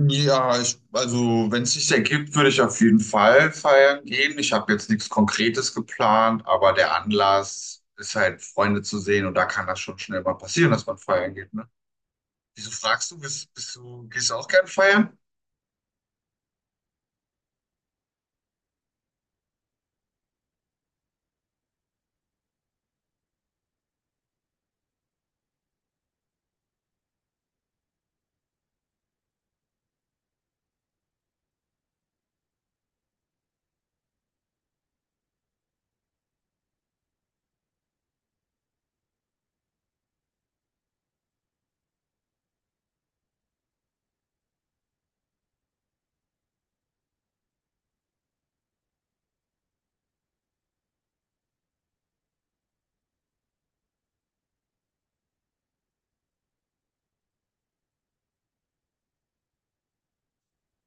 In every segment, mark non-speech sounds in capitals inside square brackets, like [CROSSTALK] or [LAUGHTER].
Ja, ich, also wenn es sich ergibt, würde ich auf jeden Fall feiern gehen. Ich habe jetzt nichts Konkretes geplant, aber der Anlass ist halt, Freunde zu sehen und da kann das schon schnell mal passieren, dass man feiern geht, ne? Wieso fragst du, bist du, gehst du auch gern feiern?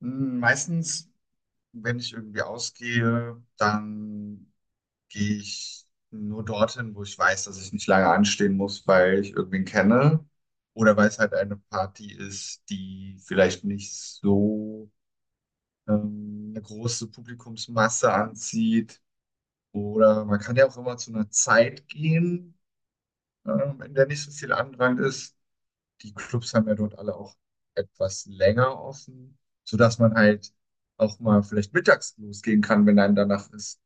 Hm, meistens, wenn ich irgendwie ausgehe, dann gehe ich nur dorthin, wo ich weiß, dass ich nicht lange anstehen muss, weil ich irgendwen kenne oder weil es halt eine Party ist, die vielleicht nicht so eine große Publikumsmasse anzieht. Oder man kann ja auch immer zu einer Zeit gehen, in der nicht so viel Andrang ist. Die Clubs haben ja dort alle auch etwas länger offen, sodass man halt auch mal vielleicht mittags losgehen kann, wenn einem danach ist.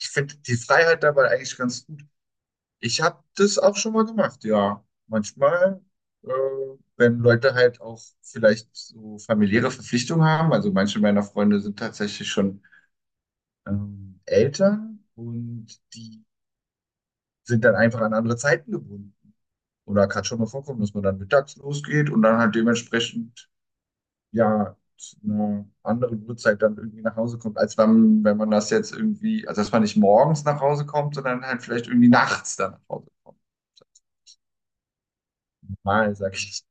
Ich finde die Freiheit dabei eigentlich ganz gut. Ich habe das auch schon mal gemacht, ja. Manchmal, äh, wenn Leute halt auch vielleicht so familiäre Verpflichtungen haben, also manche meiner Freunde sind tatsächlich schon Eltern und die sind dann einfach an andere Zeiten gebunden. Oder kann schon mal vorkommen, dass man dann mittags losgeht und dann halt dementsprechend ja zu einer anderen Uhrzeit dann irgendwie nach Hause kommt, als wenn man das jetzt irgendwie, also dass man nicht morgens nach Hause kommt, sondern halt vielleicht irgendwie nachts dann nach Hause kommt. Mal, sag ich.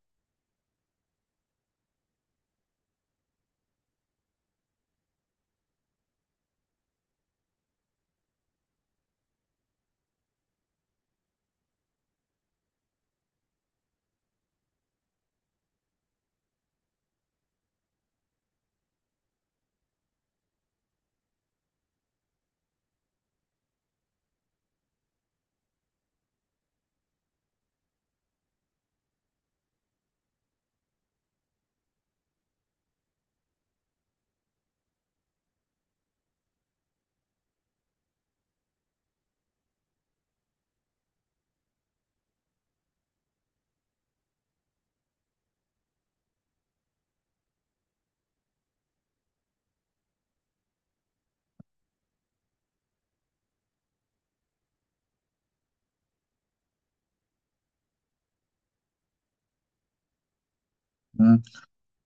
Hm,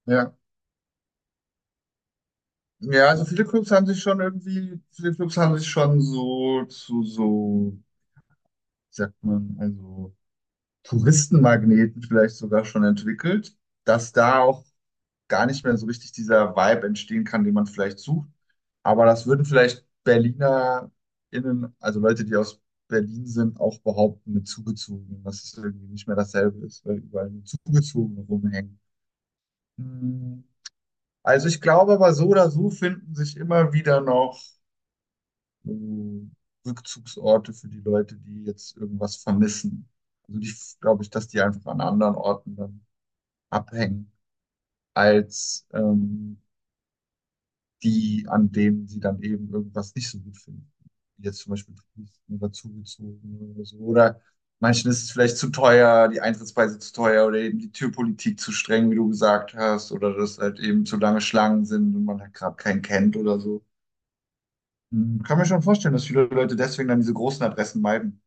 ja. Ja, also viele Clubs haben sich schon irgendwie, viele Clubs haben sich schon so zu so, wie sagt man, also Touristenmagneten vielleicht sogar schon entwickelt, dass da auch gar nicht mehr so richtig dieser Vibe entstehen kann, den man vielleicht sucht. Aber das würden vielleicht BerlinerInnen, also Leute, die aus Berlin sind, auch behaupten mit Zugezogenen, dass es irgendwie nicht mehr dasselbe ist, weil überall nur Zugezogene rumhängen. Hm. Also ich glaube aber so oder so finden sich immer wieder noch so Rückzugsorte für die Leute, die jetzt irgendwas vermissen. Also die, glaube ich, dass die einfach an anderen Orten dann abhängen als die, an denen sie dann eben irgendwas nicht so gut finden. Wie jetzt zum Beispiel Touristen oder Zugezogene oder so. Oder manchen ist es vielleicht zu teuer, die Eintrittspreise zu teuer oder eben die Türpolitik zu streng, wie du gesagt hast, oder dass halt eben zu lange Schlangen sind und man halt gerade keinen kennt oder so. Hm, kann mir schon vorstellen, dass viele Leute deswegen dann diese großen Adressen meiden.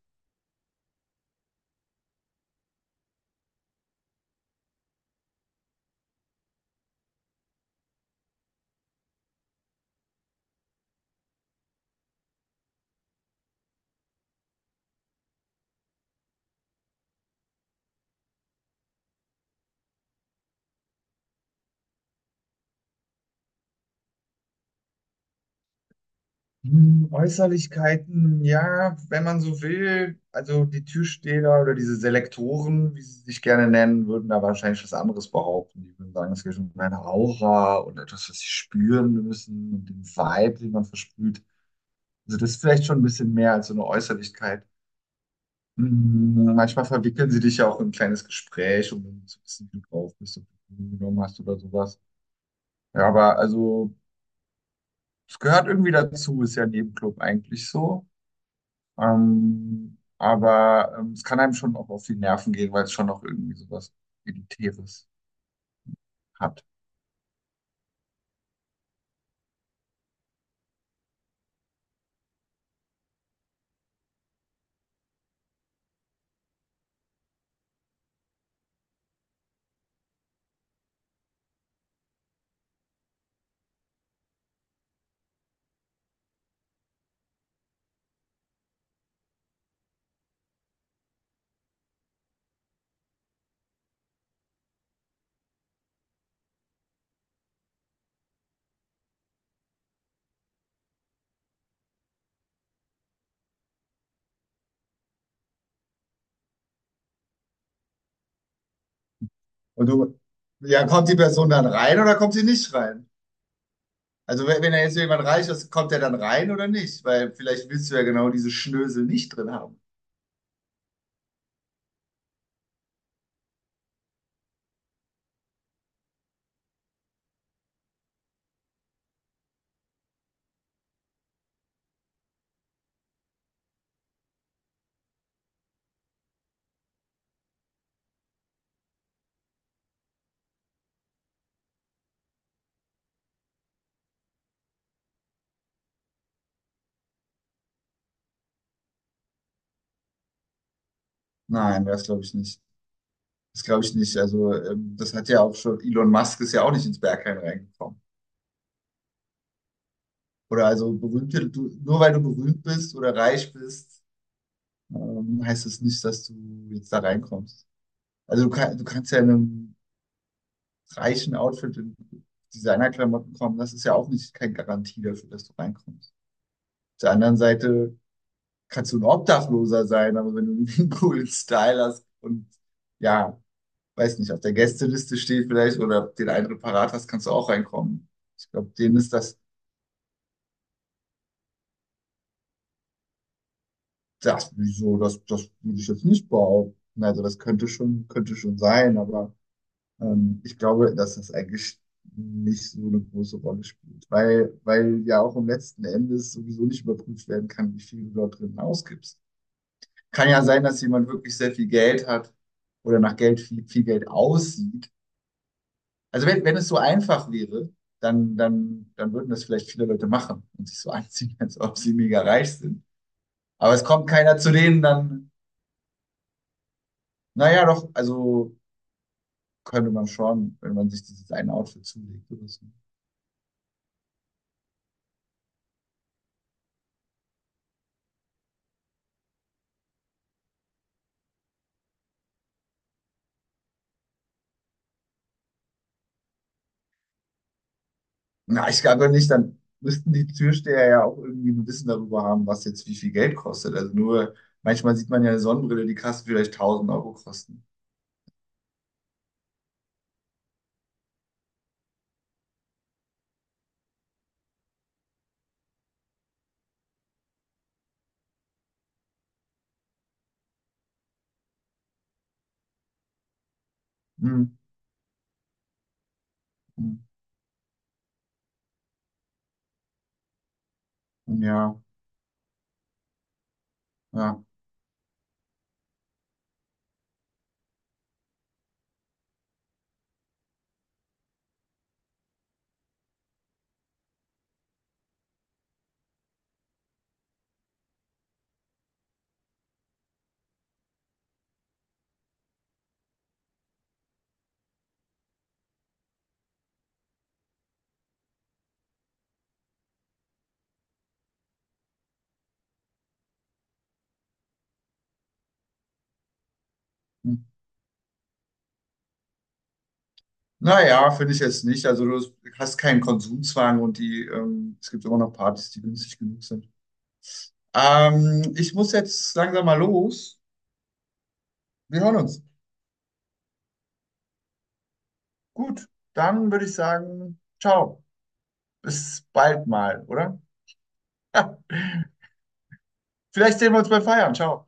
Hm, Äußerlichkeiten, ja, wenn man so will. Also die Türsteher oder diese Selektoren, wie sie sich gerne nennen, würden da wahrscheinlich was anderes behaupten. Die würden sagen, es geht um eine Aura und etwas, was sie spüren müssen und den Vibe, den man versprüht. Also das ist vielleicht schon ein bisschen mehr als so eine Äußerlichkeit. Hm, manchmal verwickeln sie dich ja auch in ein kleines Gespräch, um zu wissen, wie du drauf bist, ob du Drogen genommen hast oder sowas. Ja, aber also es gehört irgendwie dazu, ist ja ein Nebenclub eigentlich so. Aber es kann einem schon auch auf die Nerven gehen, weil es schon noch irgendwie sowas Elitäres hat. Und du, ja, kommt die Person dann rein oder kommt sie nicht rein? Also wenn da jetzt jemand reich ist, kommt der dann rein oder nicht? Weil vielleicht willst du ja genau diese Schnösel nicht drin haben. Nein, das glaube ich nicht. Das glaube ich nicht. Also das hat ja auch schon, Elon Musk ist ja auch nicht ins Berghain reingekommen. Oder also berühmte, du, nur weil du berühmt bist oder reich bist, heißt es das nicht, dass du jetzt da reinkommst. Also du, kann, du kannst ja in einem reichen Outfit in Designerklamotten kommen. Das ist ja auch nicht keine Garantie dafür, dass du reinkommst. Auf der anderen Seite kannst du ein Obdachloser sein, aber wenn du [LAUGHS] irgendwie einen coolen Style hast und ja, weiß nicht, auf der Gästeliste steht vielleicht oder den einen parat hast, kannst du auch reinkommen. Ich glaube, denen ist das, das, wieso, das würde ich jetzt nicht behaupten. Also das könnte schon sein, aber ich glaube, dass das eigentlich nicht so eine große Rolle spielt, weil ja auch im letzten Endes sowieso nicht überprüft werden kann, wie viel du dort drin ausgibst. Kann ja sein, dass jemand wirklich sehr viel Geld hat oder nach Geld viel, viel Geld aussieht. Also wenn es so einfach wäre, dann würden das vielleicht viele Leute machen und sich so [LAUGHS] anziehen, als ob sie mega reich sind. Aber es kommt keiner zu denen, dann, naja, doch, also könnte man schon, wenn man sich dieses eine Outfit zulegt oder so. Na, ich glaube nicht, dann müssten die Türsteher ja auch irgendwie ein Wissen darüber haben, was jetzt wie viel Geld kostet. Also nur, manchmal sieht man ja eine Sonnenbrille, die kann vielleicht 1000 Euro kosten. Hm, hm, hm, ja, ja. Hm. Naja, finde ich jetzt nicht. Also du hast keinen Konsumzwang und die, es gibt immer noch Partys, die günstig genug sind. Ich muss jetzt langsam mal los. Wir hören uns. Gut, dann würde ich sagen, ciao. Bis bald mal, oder? [LAUGHS] Vielleicht sehen wir uns beim Feiern. Ciao.